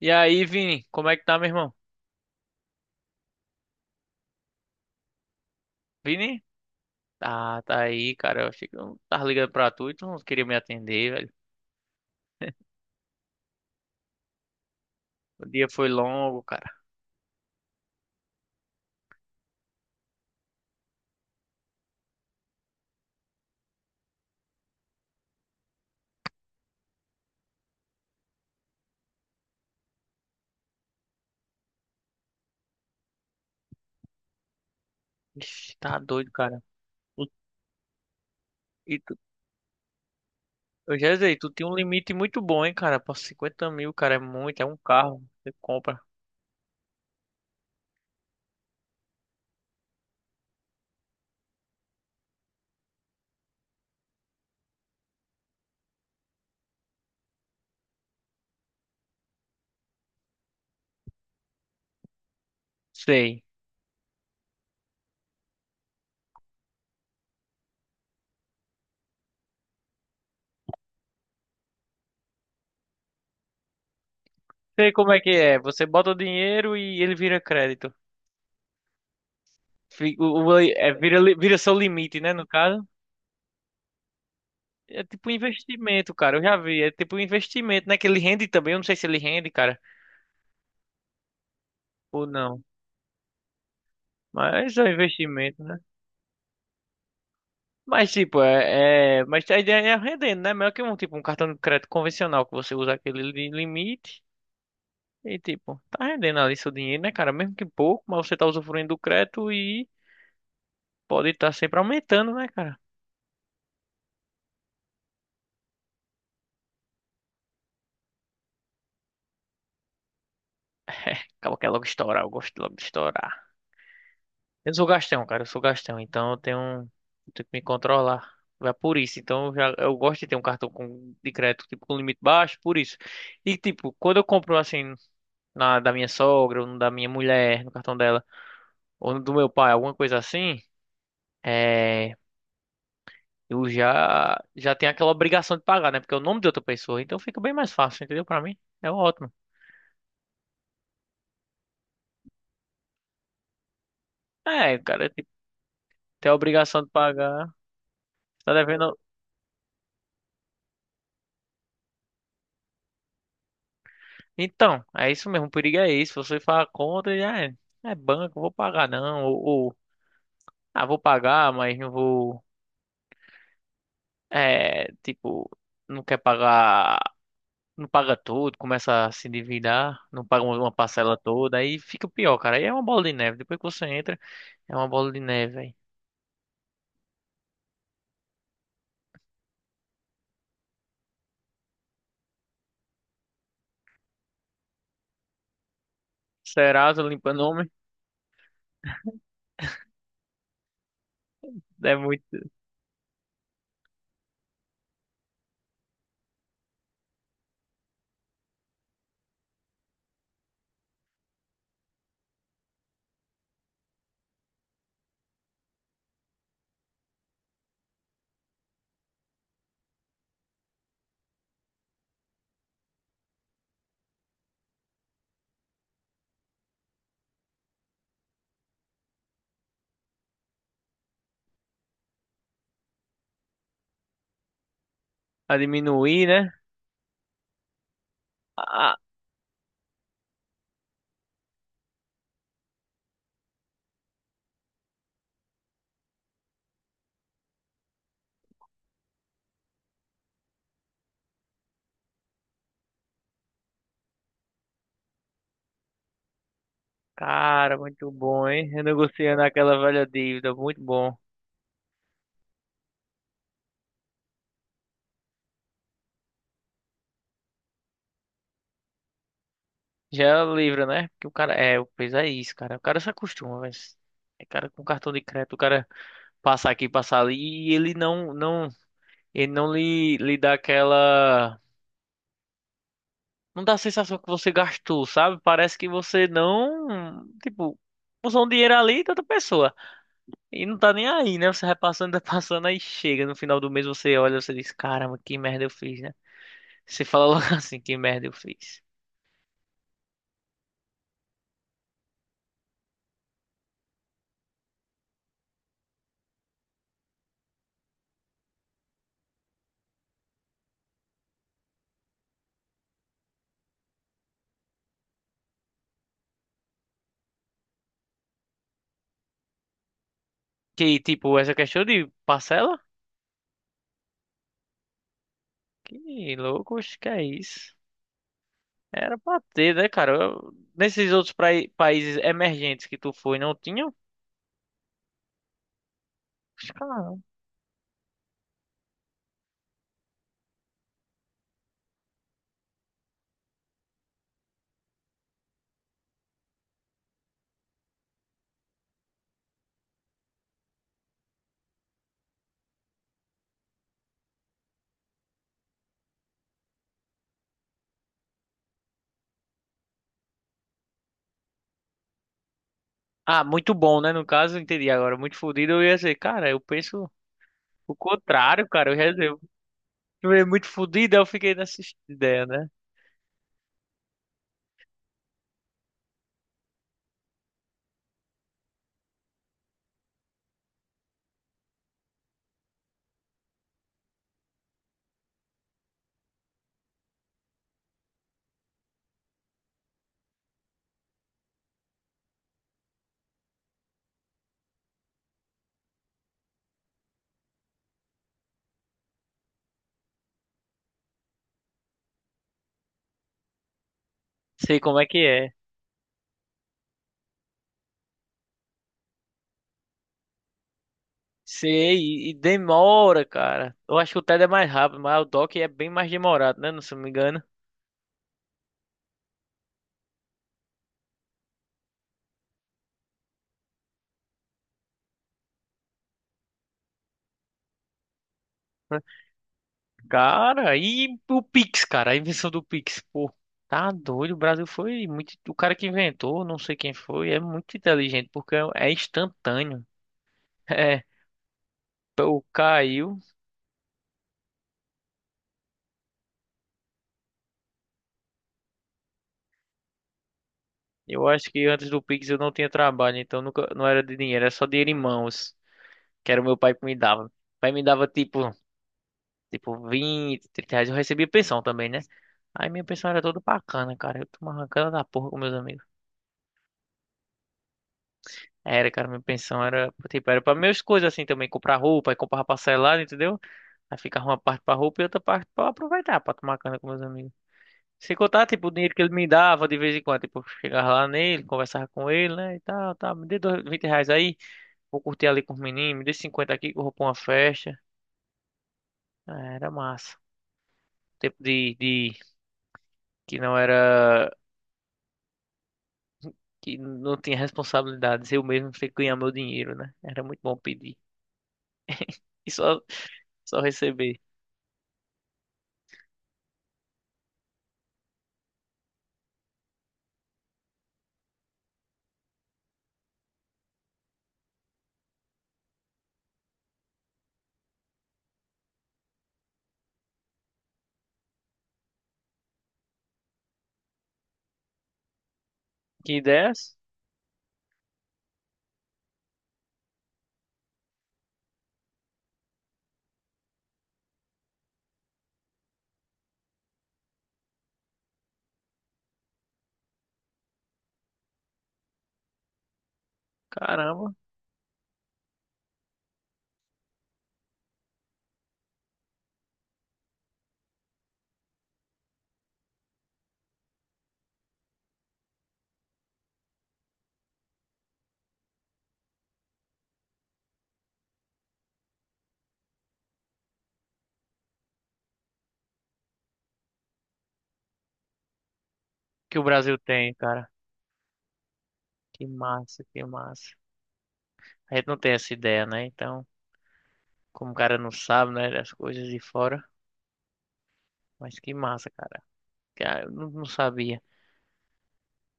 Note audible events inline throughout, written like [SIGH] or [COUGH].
E aí, Vini, como é que tá, meu irmão? Vini? Tá, tá aí, cara. Eu achei que eu tava ligando pra tu e tu não queria me atender, velho. O dia foi longo, cara. Ixi, tá doido, cara. Tu- E tu, eu já sei, tu tem um limite muito bom, hein, cara. Pra 50 mil, cara, é muito, é um carro. Você compra. Sei. Sei como é que é. Você bota o dinheiro e ele vira crédito. Vira, vira seu limite, né, no caso. É tipo um investimento, cara. Eu já vi. É tipo um investimento, né? Que ele rende também. Eu não sei se ele rende, cara, ou não. Mas é um investimento, né? Mas tipo, mas a ideia é rendendo, né? Melhor que um tipo um cartão de crédito convencional que você usa aquele limite e tipo, tá rendendo ali seu dinheiro, né, cara? Mesmo que pouco, mas você tá usufruindo do crédito e pode estar sempre aumentando, né, cara? Acaba que é logo estourar, eu gosto logo de estourar. Eu sou gastão, cara, eu sou gastão, então eu tenho que me controlar. É por isso, então eu gosto de ter um cartão com, de crédito tipo com limite baixo, por isso. E tipo, quando eu compro assim na, da minha sogra, ou no da minha mulher, no cartão dela, ou no do meu pai, alguma coisa assim, é, já tenho aquela obrigação de pagar, né? Porque é o nome de outra pessoa, então fica bem mais fácil, entendeu? Pra mim, é ótimo. É, cara, tem a obrigação de pagar, tá devendo. Então, é isso mesmo, o perigo é isso. Você faz a conta e já é, é banco, vou pagar não, ah, vou pagar, mas não vou, é, tipo, não quer pagar. Não paga tudo, começa a se endividar, não paga uma parcela toda, aí fica pior, cara. Aí é uma bola de neve. Depois que você entra, é uma bola de neve, velho. Serasa limpando homem, deve muito a diminuir, né? Ah, cara, muito bom, hein? Renegociando aquela velha dívida, muito bom. Já livra, né? Porque o cara, é, o pois é isso, cara. O cara se acostuma, velho. É cara com cartão de crédito, o cara passa aqui, passa ali e ele ele não lhe dá aquela... Não dá a sensação que você gastou, sabe? Parece que você não. Tipo, usou um dinheiro ali de outra pessoa. E não tá nem aí, né? Você vai passando, [LAUGHS] tá passando, aí chega. No final do mês você olha, você diz: "Caramba, que merda eu fiz", né? Você fala logo [LAUGHS] assim: "Que merda eu fiz." Que, tipo, essa questão de parcela? Que louco, acho que é isso. Era pra ter, né, cara? Nesses outros países emergentes que tu foi, não tinha? Caramba. Ah, muito bom, né? No caso, entendi agora. Muito fodido, eu ia dizer, cara, eu penso. O contrário, cara, eu reservo. Eu é muito fodido, eu fiquei nessa ideia, né? Sei como é que é. Sei, demora, cara. Eu acho que o TED é mais rápido, mas o DOC é bem mais demorado, né? Não se eu me engano. Cara, e o Pix, cara, a invenção do Pix, pô. Tá doido, o Brasil foi muito. O cara que inventou, não sei quem foi, é muito inteligente, porque é instantâneo. [LAUGHS] É, o caiu. Eu acho que antes do Pix eu não tinha trabalho, então nunca, não era de dinheiro, era só dinheiro em mãos. Que era o meu pai que me dava. O pai me dava tipo, tipo 20, 30 reais. Eu recebia pensão também, né? Aí minha pensão era toda bacana, cara. Eu tomava cana da porra com meus amigos. Era, cara, minha pensão era, tipo, era pra minhas coisas assim também, comprar roupa, aí comprava parcelado, entendeu? Aí ficava uma parte pra roupa e outra parte pra aproveitar, pra tomar cana com meus amigos. Sem contar, tipo, o dinheiro que ele me dava de vez em quando, tipo, eu chegava lá nele, conversava com ele, né, e tal, tal, 20 reais aí, vou curtir ali com os meninos, me dê 50 aqui que eu vou pra uma festa. Ah, era massa tempo de que não era, que não tinha responsabilidades. Eu mesmo tinha que ganhar meu dinheiro, né? Era muito bom pedir e só, só receber. Que ideias? Caramba, que o Brasil tem, cara. Que massa, que massa. A gente não tem essa ideia, né? Então, como o cara não sabe, né, das coisas de fora, mas que massa, cara. Cara, eu não, não sabia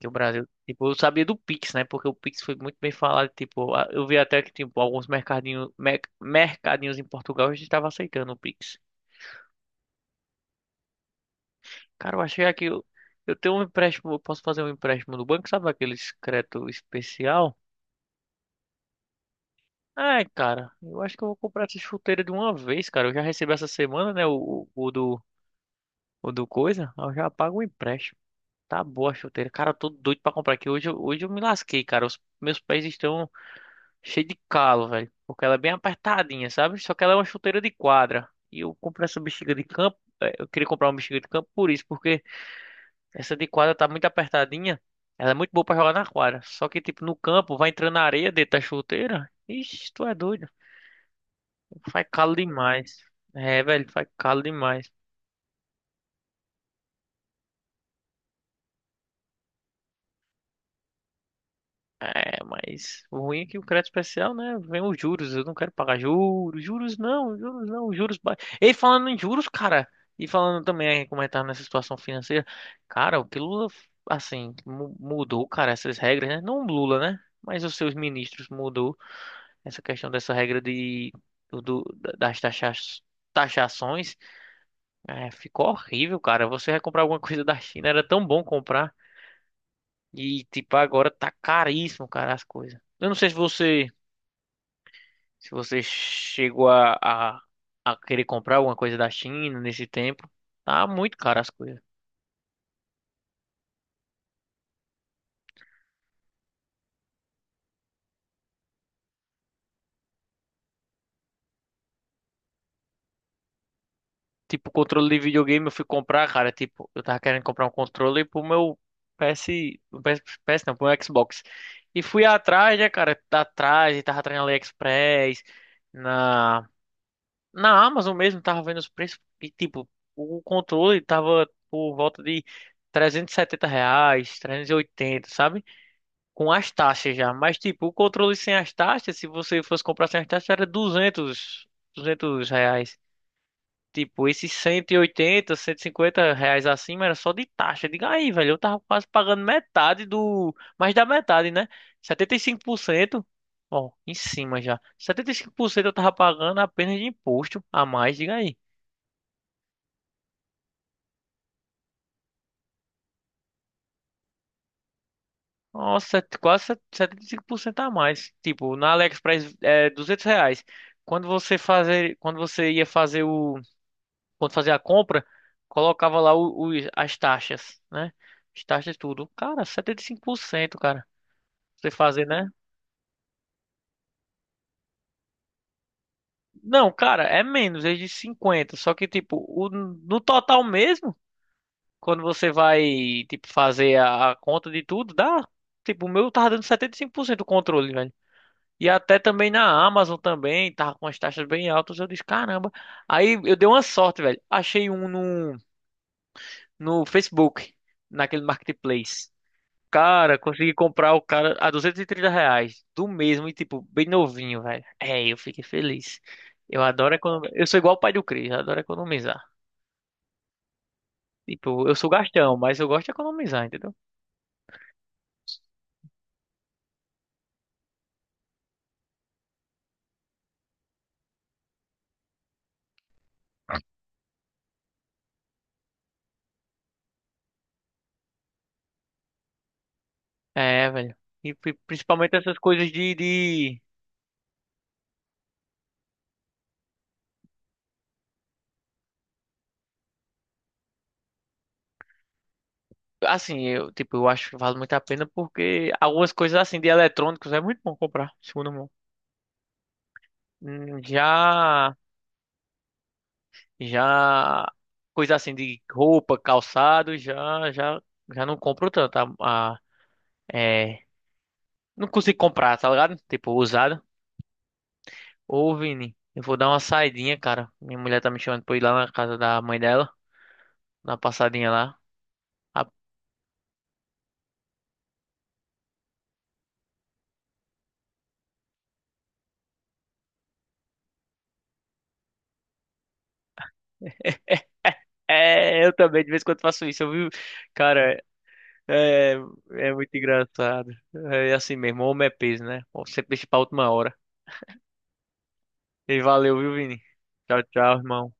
que o Brasil, tipo, eu sabia do Pix, né? Porque o Pix foi muito bem falado, tipo, eu vi até que tipo alguns mercadinhos, mercadinhos em Portugal já estavam aceitando o Pix. Cara, eu achei aqui. Eu tenho um empréstimo. Eu posso fazer um empréstimo no banco, sabe? Aquele crédito especial. Ai, cara, eu acho que eu vou comprar essa chuteira de uma vez, cara. Eu já recebi essa semana, né? O do coisa. Aí eu já pago o empréstimo. Tá boa a chuteira. Cara, eu tô doido pra comprar aqui. Hoje, hoje eu me lasquei, cara. Os meus pés estão cheios de calo, velho. Porque ela é bem apertadinha, sabe? Só que ela é uma chuteira de quadra. E eu comprei essa bexiga de campo. Eu queria comprar uma bexiga de campo por isso, porque essa de quadra tá muito apertadinha. Ela é muito boa pra jogar na quadra. Só que, tipo, no campo, vai entrando na areia dentro da chuteira. Ixi, tu é doido. Faz calo demais. É, velho, faz calo demais. É, mas o ruim é que o crédito especial, né? Vem os juros. Eu não quero pagar juros. Juros não, juros não, juros ba... Ei, falando em juros, cara. E falando também, aí, como é que tá nessa situação financeira. Cara, o que Lula, assim, mudou, cara, essas regras, né? Não o Lula, né? Mas os seus ministros mudou. Essa questão dessa regra de das taxa, taxações é, ficou horrível, cara. Você vai comprar alguma [LAUGHS] coisa da China, era tão bom comprar. E, tipo, agora tá caríssimo, cara, as coisas. Eu não sei se você, se você chegou a querer comprar alguma coisa da China nesse tempo. Tá muito caro as coisas. Tipo, controle de videogame eu fui comprar, cara. Tipo, eu tava querendo comprar um controle pro meu PS. o PS, PS não, Pro meu Xbox. E fui atrás, né, cara? Tá atrás, e tava atrás na AliExpress, na, na Amazon mesmo, tava vendo os preços. E, tipo, o controle tava por volta de 370 reais, 380, sabe? Com as taxas já. Mas, tipo, o controle sem as taxas, se você fosse comprar sem as taxas, era 200 reais. Tipo, esses cento 180, 150 reais acima era só de taxa. Diga aí, velho, eu tava quase pagando metade do. Mais da metade, né? 75%, ó, em cima já. 75% eu tava pagando apenas de imposto a mais, diga aí. Nossa, quase 75% a mais. Tipo, na AliExpress é 200 reais. Quando você fazer, quando você ia fazer o, quando fazia a compra, colocava lá as taxas, né? As taxas tudo. Cara, 75%, cara. Você fazer, né? Não, cara, é menos, é de 50. Só que, tipo, o, no total mesmo, quando você vai, tipo, fazer a conta de tudo, dá. Tipo, o meu tava dando 75% do controle, velho. E até também na Amazon também, tava com as taxas bem altas. Eu disse, caramba. Aí eu dei uma sorte, velho. Achei um no, no Facebook, naquele marketplace. Cara, consegui comprar o cara a 230 reais do mesmo e, tipo, bem novinho, velho. É, eu fiquei feliz. Eu adoro economizar. Eu sou igual o pai do Cris, eu adoro economizar. Tipo, eu sou gastão, mas eu gosto de economizar, entendeu? É, velho. E principalmente essas coisas de... Assim, eu, tipo, eu acho que vale muito a pena porque algumas coisas assim de eletrônicos é muito bom comprar, segundo mão. Hum, Já, já, coisa assim de roupa, calçado, já não compro tanto. A, é, não consigo comprar, tá ligado? Tipo, usado. Ô, Vini, eu vou dar uma saidinha, cara. Minha mulher tá me chamando pra ir lá na casa da mãe dela. Dar uma passadinha lá. Ah, é, [LAUGHS] é, eu também de vez em quando faço isso, eu vi... Cara, é, é muito engraçado. É assim mesmo, homem é peso, né? Sempre deixa pra última hora. E valeu, viu, Vini? Tchau, tchau, irmão.